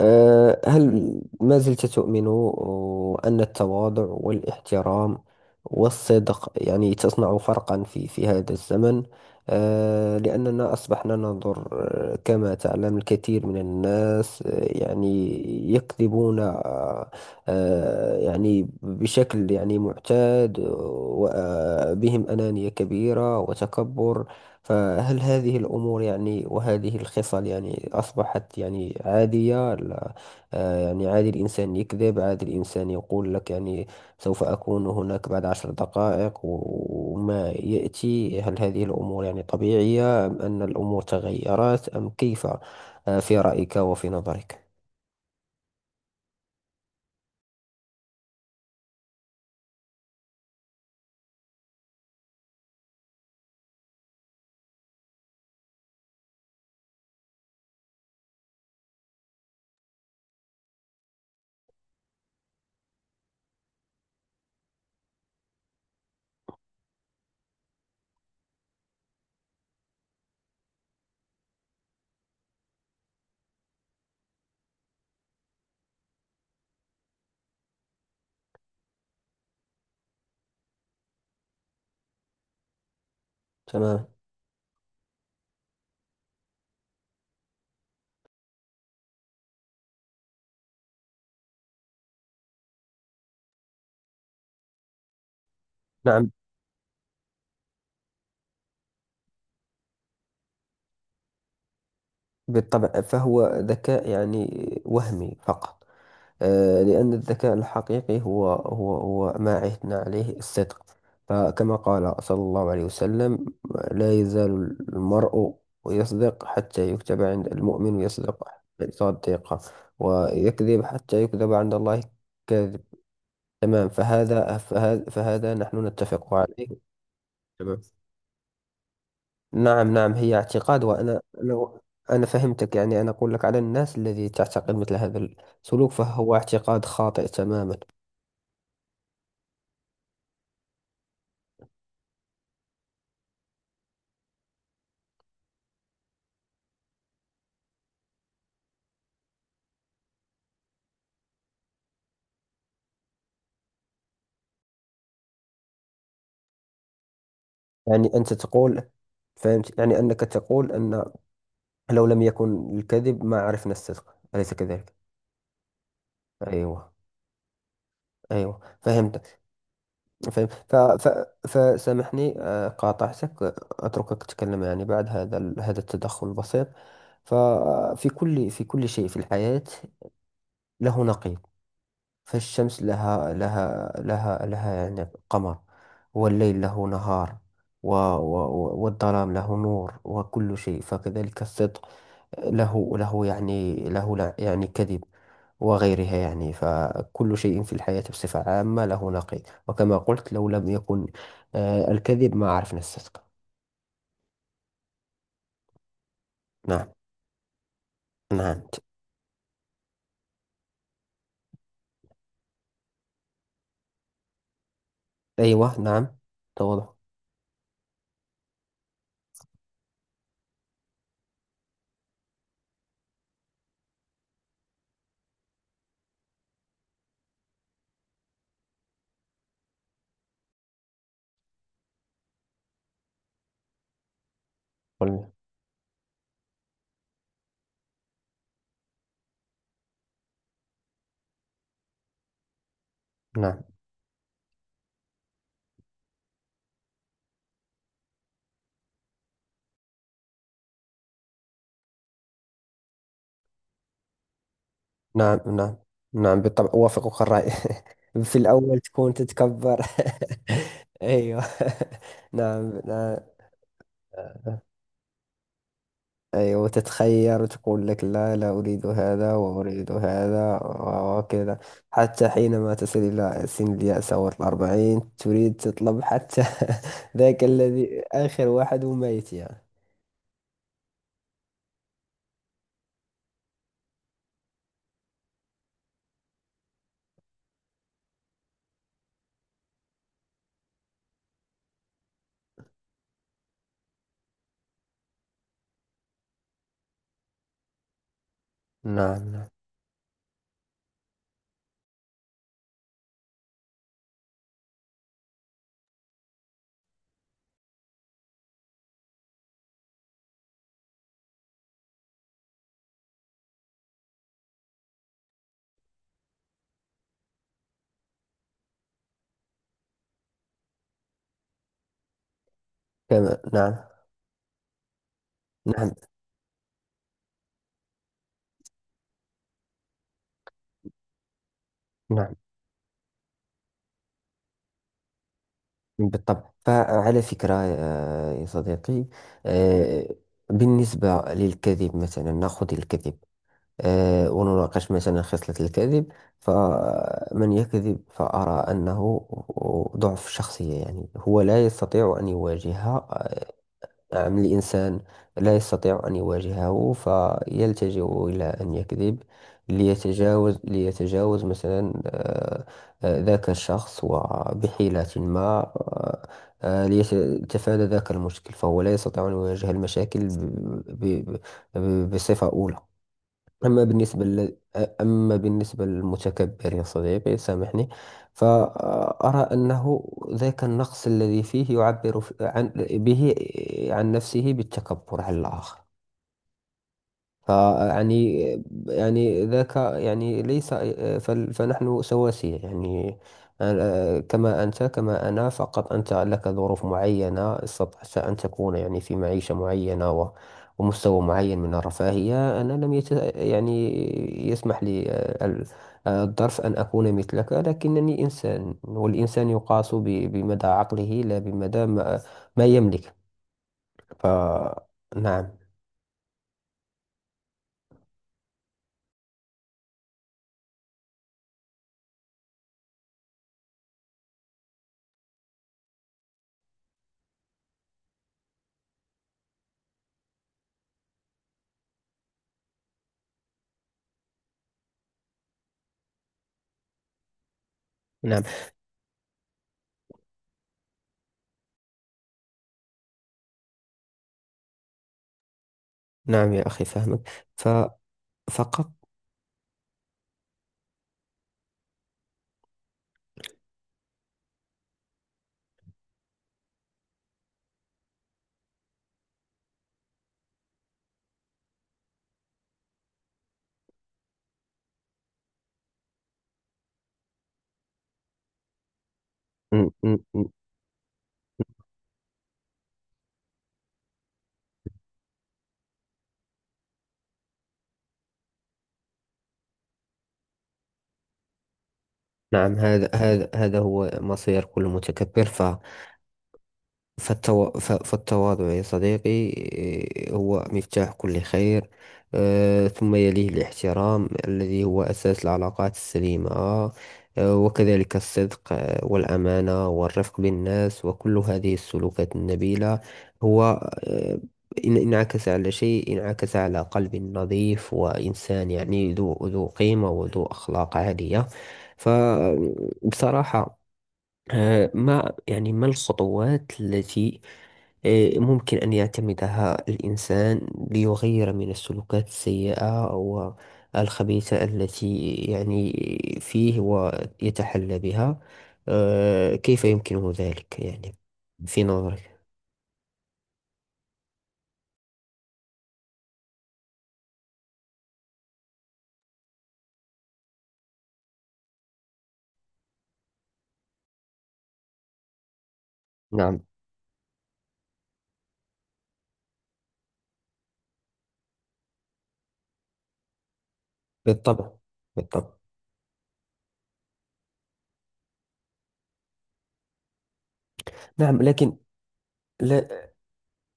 هل ما زلت تؤمن أن التواضع والاحترام والصدق يعني تصنع فرقا في هذا الزمن؟ لأننا أصبحنا ننظر، كما تعلم، الكثير من الناس يعني يكذبون، أه، أه، يعني بشكل يعني معتاد، وبهم أنانية كبيرة وتكبر. فهل هذه الأمور يعني وهذه الخصال يعني أصبحت يعني عادية؟ لا. يعني عادي الإنسان يكذب، عادي الإنسان يقول لك يعني سوف أكون هناك بعد 10 دقائق، و- وما يأتي. هل هذه الأمور يعني طبيعية، أم أن الأمور تغيرت، أم كيف في رأيك وفي نظرك؟ تمام. نعم، بالطبع فهو ذكاء يعني وهمي فقط. لأن الذكاء الحقيقي هو ما عهدنا عليه الصدق. فكما قال صلى الله عليه وسلم: لا يزال المرء يصدق حتى يكتب عند المؤمن، يصدق صديقه، ويكذب حتى يكذب عند الله كذب. تمام، فهذا نحن نتفق عليه. تمام، نعم، نعم، هي اعتقاد. وأنا أنا أنا فهمتك، يعني أنا أقول لك على الناس الذي تعتقد مثل هذا السلوك، فهو اعتقاد خاطئ تماما. يعني أنت تقول، فهمت، يعني أنك تقول أن لو لم يكن الكذب ما عرفنا الصدق، أليس كذلك؟ أيوه، أيوه، فهمت. فهم ف... ف... فسامحني، قاطعتك، أتركك تتكلم يعني بعد هذا التدخل البسيط. ففي كل شيء في الحياة له نقيض. فالشمس لها يعني قمر، والليل له نهار، و... و... و- والظلام له نور، وكل شيء، فكذلك الصدق له يعني كذب، وغيرها، يعني فكل شيء في الحياة بصفة عامة له نقيض. وكما قلت، لو لم يكن الكذب ما عرفنا الصدق. نعم، نعم، أيوة، نعم، توضح. قل- نعم، نعم، نعم، نعم، بالطبع أوافقك الرأي. في الأول تكون تتكبر أيوة. نعم، نعم. أيوة، وتتخير وتقول لك: لا، لا أريد هذا وأريد هذا، وكذا. حتى حينما تصل إلى سن اليأس أو الأربعين، تريد تطلب حتى ذاك الذي آخر واحد وميت، يعني. نعم، نعم، كما نعم، نعم، نعم، بالطبع. فعلى فكرة، يا صديقي، آه، بالنسبة للكذب، مثلا نأخذ الكذب، ونناقش مثلا خصلة الكذب. فمن يكذب فأرى أنه ضعف شخصية، يعني هو لا يستطيع أن يواجه. نعم، الإنسان لا يستطيع أن يواجهه، فيلتجئ إلى أن يكذب ليتجاوز مثلا، ذاك الشخص، وبحيلة ما، آه، ليتفادى ذاك المشكل، فهو لا يستطيع أن يواجه المشاكل ب- بصفة أولى. أما بالنسبة لل... أما بالنسبة للمتكبر، يا صديقي، سامحني، فأرى أنه ذاك النقص الذي فيه يعبر عن نفسه بالتكبر على الآخر، فيعني يعني ذاك يعني ليس، فنحن سواسية، يعني كما أنت كما أنا، فقط أنت لك ظروف معينة، استطعت أن تكون يعني في معيشة معينة، ومستوى معين من الرفاهية. أنا لم يت... يعني يسمح لي الظرف أن أكون مثلك، لكنني إنسان، والإنسان يقاس بمدى عقله، لا بمدى ما يملك. فنعم، نعم، نعم، يا أخي فهمك، ف فقط. م- م- م. نعم، هذا هو مصير كل متكبر. فالتواضع يا صديقي، إيه، هو مفتاح كل خير، ثم يليه الاحترام الذي هو أساس العلاقات السليمة، وكذلك الصدق، والأمانة، والرفق بالناس، وكل هذه السلوكات النبيلة. هو آه، إن انعكس على شيء، انعكس على قلب نظيف، وإنسان يعني ذو قيمة، وذو أخلاق عالية. فبصراحة، ما يعني ما الخطوات التي ممكن أن يعتمدها الإنسان ليغير من السلوكات السيئة والخبيثة التي يعني فيه ويتحلى بها، كيف يمكنه ذلك، يعني في نظرك؟ نعم، بالطبع، بالطبع، نعم، لكن لا،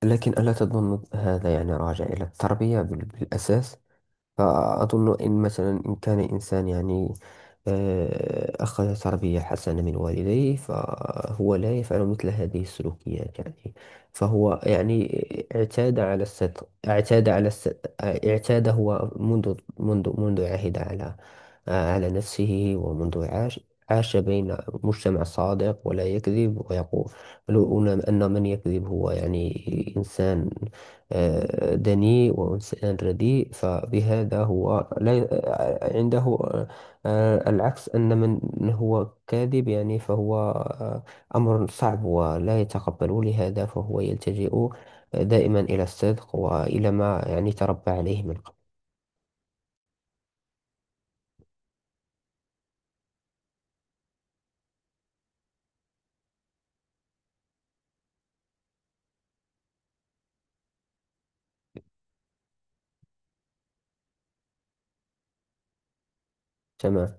لكن ألا تظن هذا يعني راجع إلى التربية بالأساس؟ فأظن إن مثلا إن كان إنسان، يعني، أخذ تربية حسنة من والديه، فهو لا يفعل مثل هذه السلوكيات، يعني فهو يعني اعتاد على الستر، اعتاد على الستر، اعتاد هو منذ منذ عهد على على نفسه، ومنذ عاش بين مجتمع صادق ولا يكذب، ويقول أن من يكذب هو يعني إنسان دني وأنس ردي، فبهذا هو لا عنده العكس. أن من هو كاذب يعني فهو، أمر صعب ولا يتقبل، لهذا فهو يلتجئ دائما إلى الصدق، وإلى ما يعني تربى عليه من قبل. تمام.